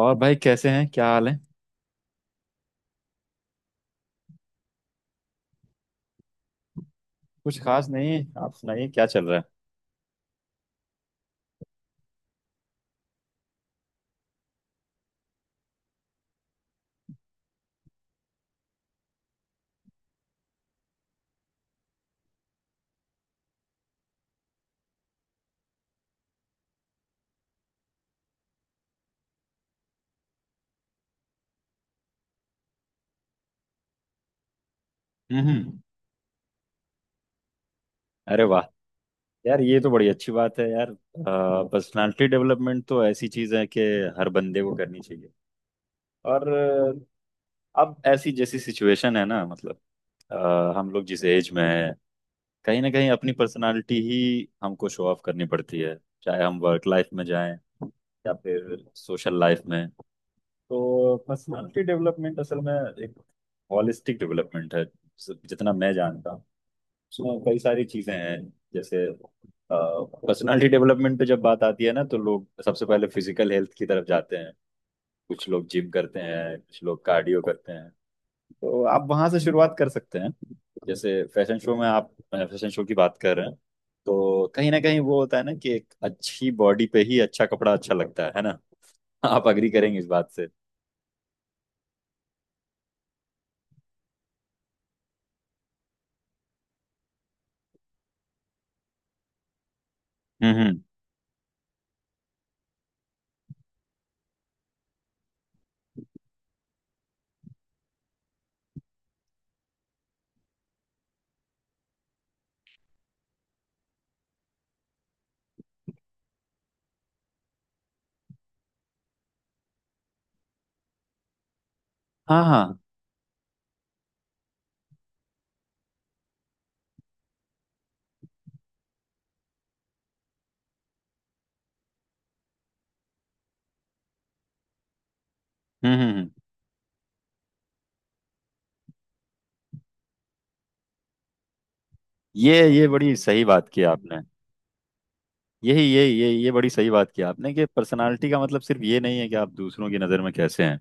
और भाई, कैसे हैं? क्या हाल है? कुछ खास नहीं है। आप सुनाइए, क्या चल रहा है? हम्म। अरे वाह! यार, ये तो बड़ी अच्छी बात है यार। पर्सनालिटी डेवलपमेंट तो ऐसी चीज है कि हर बंदे को करनी चाहिए। और अब ऐसी जैसी सिचुएशन है ना, मतलब हम लोग जिस एज में है, कहीं ना कहीं अपनी पर्सनालिटी ही हमको शो ऑफ करनी पड़ती है। चाहे हम वर्क लाइफ में जाएं या फिर सोशल लाइफ में। तो पर्सनालिटी डेवलपमेंट असल में एक हॉलिस्टिक डेवलपमेंट है, जितना मैं जानता हूँ। उसमें कई सारी चीजें हैं। जैसे, पर्सनालिटी डेवलपमेंट पे जब बात आती है ना, तो लोग सबसे पहले फिजिकल हेल्थ की तरफ जाते हैं। कुछ लोग जिम करते हैं, कुछ लोग कार्डियो करते हैं। तो आप वहां से शुरुआत कर सकते हैं। जैसे फैशन शो में, आप फैशन शो की बात कर रहे हैं, तो कहीं ना कहीं वो होता है ना कि एक अच्छी बॉडी पे ही अच्छा कपड़ा अच्छा लगता है ना? आप अग्री करेंगे इस बात से? हम्म। हाँ हाँ। हम्म हम्म, हम्म। ये बड़ी सही बात की आपने। यही यही ये बड़ी सही बात की आपने कि पर्सनालिटी का मतलब सिर्फ ये नहीं है कि आप दूसरों की नज़र में कैसे हैं।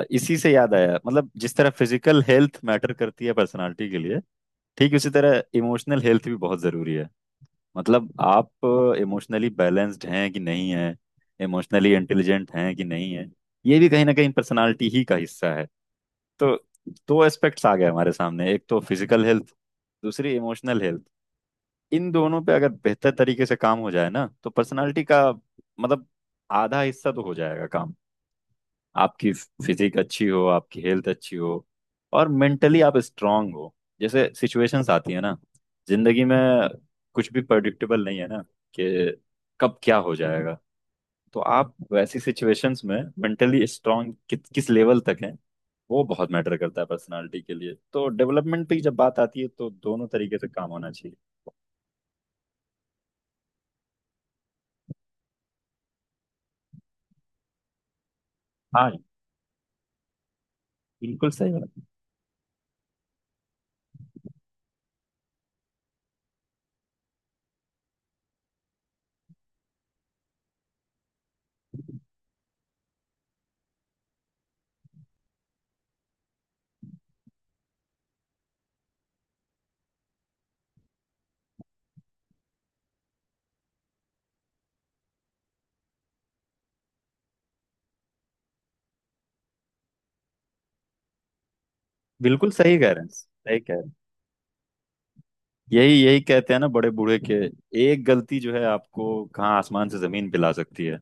इसी से याद आया, मतलब जिस तरह फिजिकल हेल्थ मैटर करती है पर्सनालिटी के लिए, ठीक उसी तरह इमोशनल हेल्थ भी बहुत ज़रूरी है। मतलब, आप इमोशनली बैलेंस्ड हैं कि नहीं हैं, इमोशनली इंटेलिजेंट हैं कि नहीं हैं, ये भी कहीं ना कहीं पर्सनालिटी ही का हिस्सा है। तो दो एस्पेक्ट्स आ गए हमारे सामने, एक तो फिजिकल हेल्थ, दूसरी इमोशनल हेल्थ। इन दोनों पे अगर बेहतर तरीके से काम हो जाए ना, तो पर्सनालिटी का मतलब आधा हिस्सा तो हो जाएगा काम। आपकी फिजिक अच्छी हो, आपकी हेल्थ अच्छी हो, और मेंटली आप स्ट्रांग हो। जैसे सिचुएशंस आती है ना जिंदगी में, कुछ भी प्रडिक्टेबल नहीं है ना कि कब क्या हो जाएगा। तो आप वैसी सिचुएशंस में मेंटली स्ट्रांग किस लेवल तक हैं, वो बहुत मैटर करता है पर्सनालिटी के लिए। तो डेवलपमेंट की जब बात आती है तो दोनों तरीके से काम होना चाहिए। हाँ, बिल्कुल सही बात। बिल्कुल सही कह रहे हैं, सही कह रहे हैं। यही यही कहते हैं ना बड़े बूढ़े के, एक गलती जो है आपको कहाँ आसमान से जमीन पिला सकती है।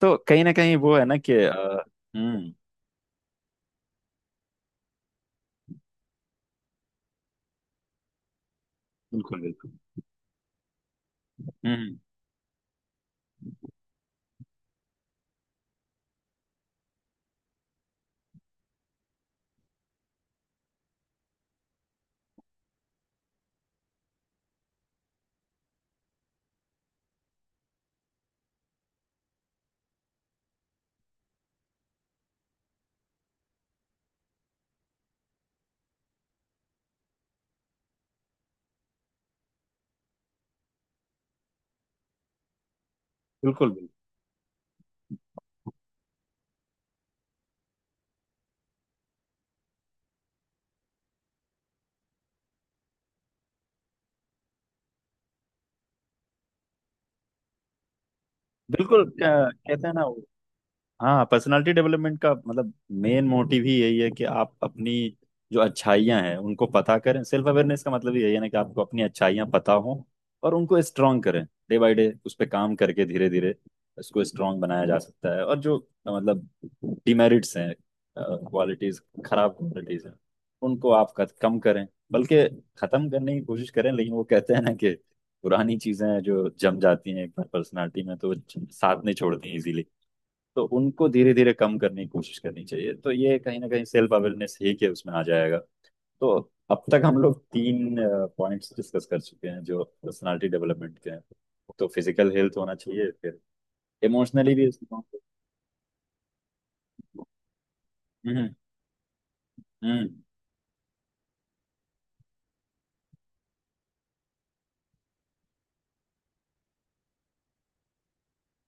तो कहीं ना कहीं वो है ना कि हम्म। बिल्कुल बिल्कुल। हम्म, बिल्कुल बिल्कुल बिल्कुल। कहते हैं ना, हाँ, पर्सनालिटी डेवलपमेंट का मतलब, मेन मोटिव ही यही है कि आप अपनी जो अच्छाइयाँ हैं उनको पता करें। सेल्फ अवेयरनेस का मतलब ही यही है ना कि आपको अपनी अच्छाइयाँ पता हों और उनको स्ट्रांग करें। डे बाय डे उस पर काम करके धीरे धीरे इसको स्ट्रांग बनाया जा सकता है। और जो, मतलब, डिमेरिट्स हैं, क्वालिटीज, खराब क्वालिटीज हैं, उनको आप कम करें, बल्कि खत्म करने की कोशिश करें। लेकिन वो कहते हैं ना कि पुरानी चीजें जो जम जाती हैं एक बार पर्सनालिटी में, तो वो साथ नहीं छोड़ती इजीली। तो उनको धीरे धीरे कम करने की कोशिश करनी चाहिए। तो ये कहीं ना कहीं सेल्फ अवेयरनेस ही के उसमें आ जाएगा। तो अब तक हम लोग तीन पॉइंट्स डिस्कस कर चुके हैं जो पर्सनालिटी डेवलपमेंट के हैं। तो फिजिकल हेल्थ होना चाहिए, फिर इमोशनली भी इसको। हम्म हम्म।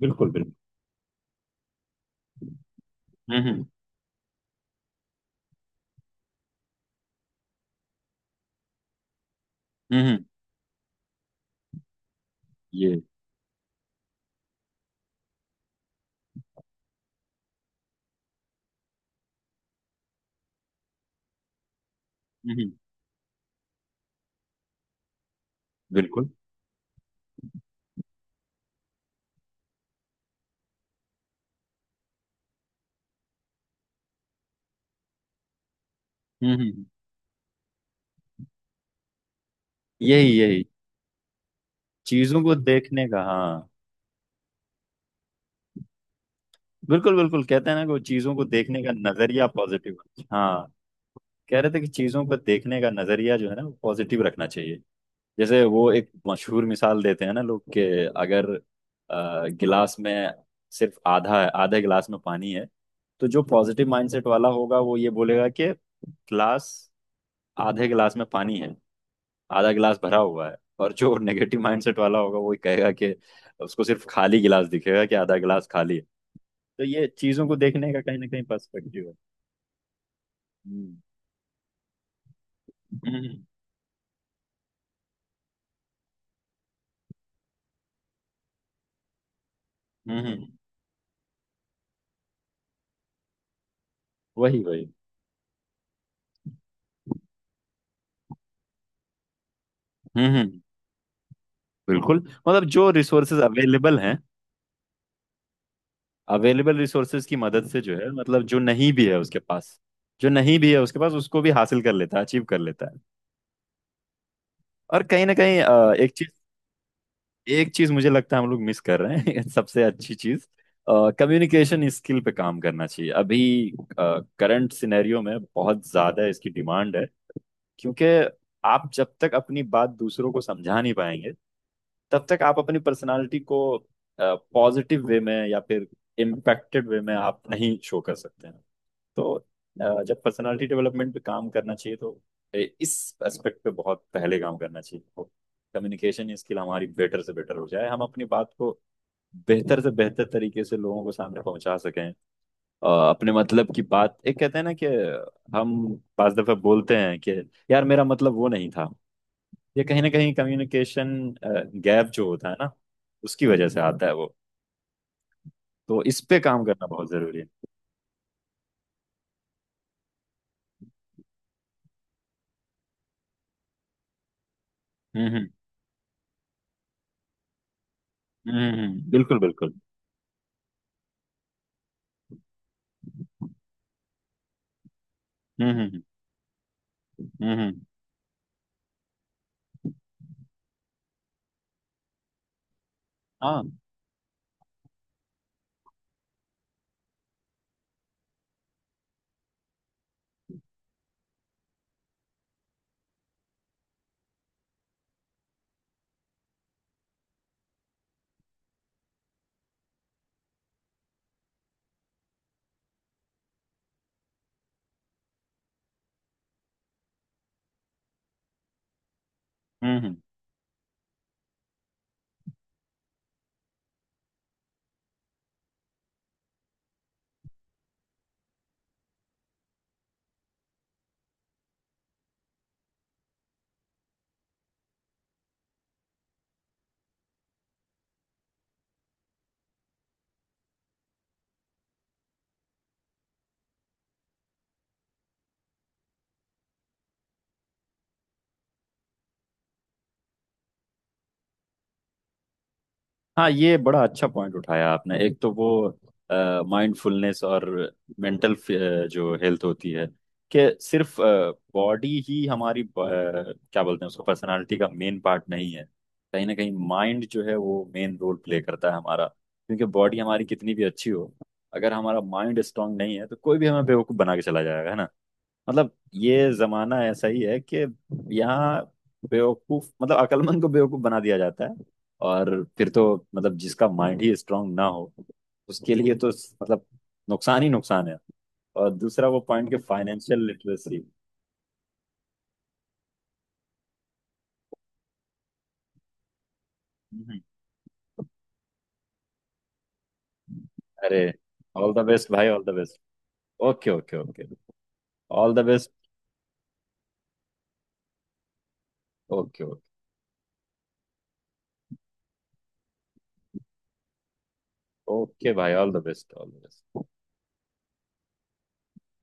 बिल्कुल बिल्कुल। हम्म, हम्म, हम्म, ये। हम्म हम्म, बिल्कुल। हम्म हम्म, हम्म, यही यही। चीजों को देखने का, हाँ। बिल्कुल बिल्कुल। कहते हैं ना कि वो चीजों को देखने का नजरिया पॉजिटिव। हाँ, कह रहे थे कि चीजों को देखने का नजरिया जो है ना वो पॉजिटिव रखना चाहिए। जैसे वो एक मशहूर मिसाल देते हैं ना लोग के, अगर गिलास में सिर्फ आधा है, आधे गिलास में पानी है, तो जो पॉजिटिव माइंडसेट वाला होगा वो ये बोलेगा कि गिलास, आधे गिलास में पानी है, आधा गिलास भरा हुआ है। और जो नेगेटिव माइंडसेट वाला होगा वो कहेगा कि, उसको सिर्फ खाली गिलास दिखेगा कि आधा गिलास खाली है। तो ये चीजों को देखने का कहीं ना कहीं पर्सपेक्टिव है। हम्म हम्म। हम्म, वही वही। हम्म। बिल्कुल। मतलब, जो रिसोर्सेज अवेलेबल हैं, अवेलेबल रिसोर्सेज की मदद से जो है, मतलब जो नहीं भी है उसके पास, जो नहीं भी है उसके पास उसको भी हासिल कर लेता है, अचीव कर लेता है। और कहीं ना कहीं एक चीज, एक चीज मुझे लगता है हम लोग मिस कर रहे हैं सबसे अच्छी चीज, कम्युनिकेशन स्किल पे काम करना चाहिए। अभी करंट सिनेरियो में बहुत ज्यादा इसकी डिमांड है। क्योंकि आप जब तक अपनी बात दूसरों को समझा नहीं पाएंगे, तब तक आप अपनी पर्सनालिटी को पॉजिटिव वे में या फिर इम्पैक्टेड वे में आप नहीं शो कर सकते हैं। तो जब पर्सनालिटी डेवलपमेंट पे काम करना चाहिए, तो इस एस्पेक्ट पे बहुत पहले काम करना चाहिए। कम्युनिकेशन स्किल हमारी बेटर से बेटर हो जाए, हम अपनी बात को बेहतर से बेहतर तरीके से लोगों को सामने पहुंचा सकें। अपने मतलब की बात, एक कहते हैं ना कि हम पांच दफे बोलते हैं कि यार, मेरा मतलब वो नहीं था। ये कहीं ना कहीं कम्युनिकेशन गैप जो होता है ना, उसकी वजह से आता है वो। तो इस पे काम करना बहुत जरूरी है। हम्म हम्म बिल्कुल बिल्कुल। हम्म हम्म हम्म हम्म, हाँ हम्म। हाँ, ये बड़ा अच्छा पॉइंट उठाया आपने, एक तो वो माइंडफुलनेस और मेंटल जो हेल्थ होती है, कि सिर्फ बॉडी ही हमारी क्या बोलते हैं, उसको पर्सनालिटी का मेन पार्ट नहीं है। कहीं ना कहीं माइंड जो है वो मेन रोल प्ले करता है हमारा, क्योंकि बॉडी हमारी कितनी भी अच्छी हो, अगर हमारा माइंड स्ट्रांग नहीं है तो कोई भी हमें बेवकूफ बना के चला जाएगा, है ना? मतलब, ये जमाना ऐसा ही है कि यहाँ बेवकूफ, मतलब अकलमंद को बेवकूफ बना दिया जाता है। और फिर तो, मतलब, जिसका माइंड ही स्ट्रांग ना हो उसके लिए तो, मतलब, नुकसान ही नुकसान है। और दूसरा वो पॉइंट, के फाइनेंशियल लिटरेसी। हम्म। अरे, ऑल द बेस्ट भाई, all the best. Okay okay okay. All the best. Okay okay. Okay भाई, all the best all the best.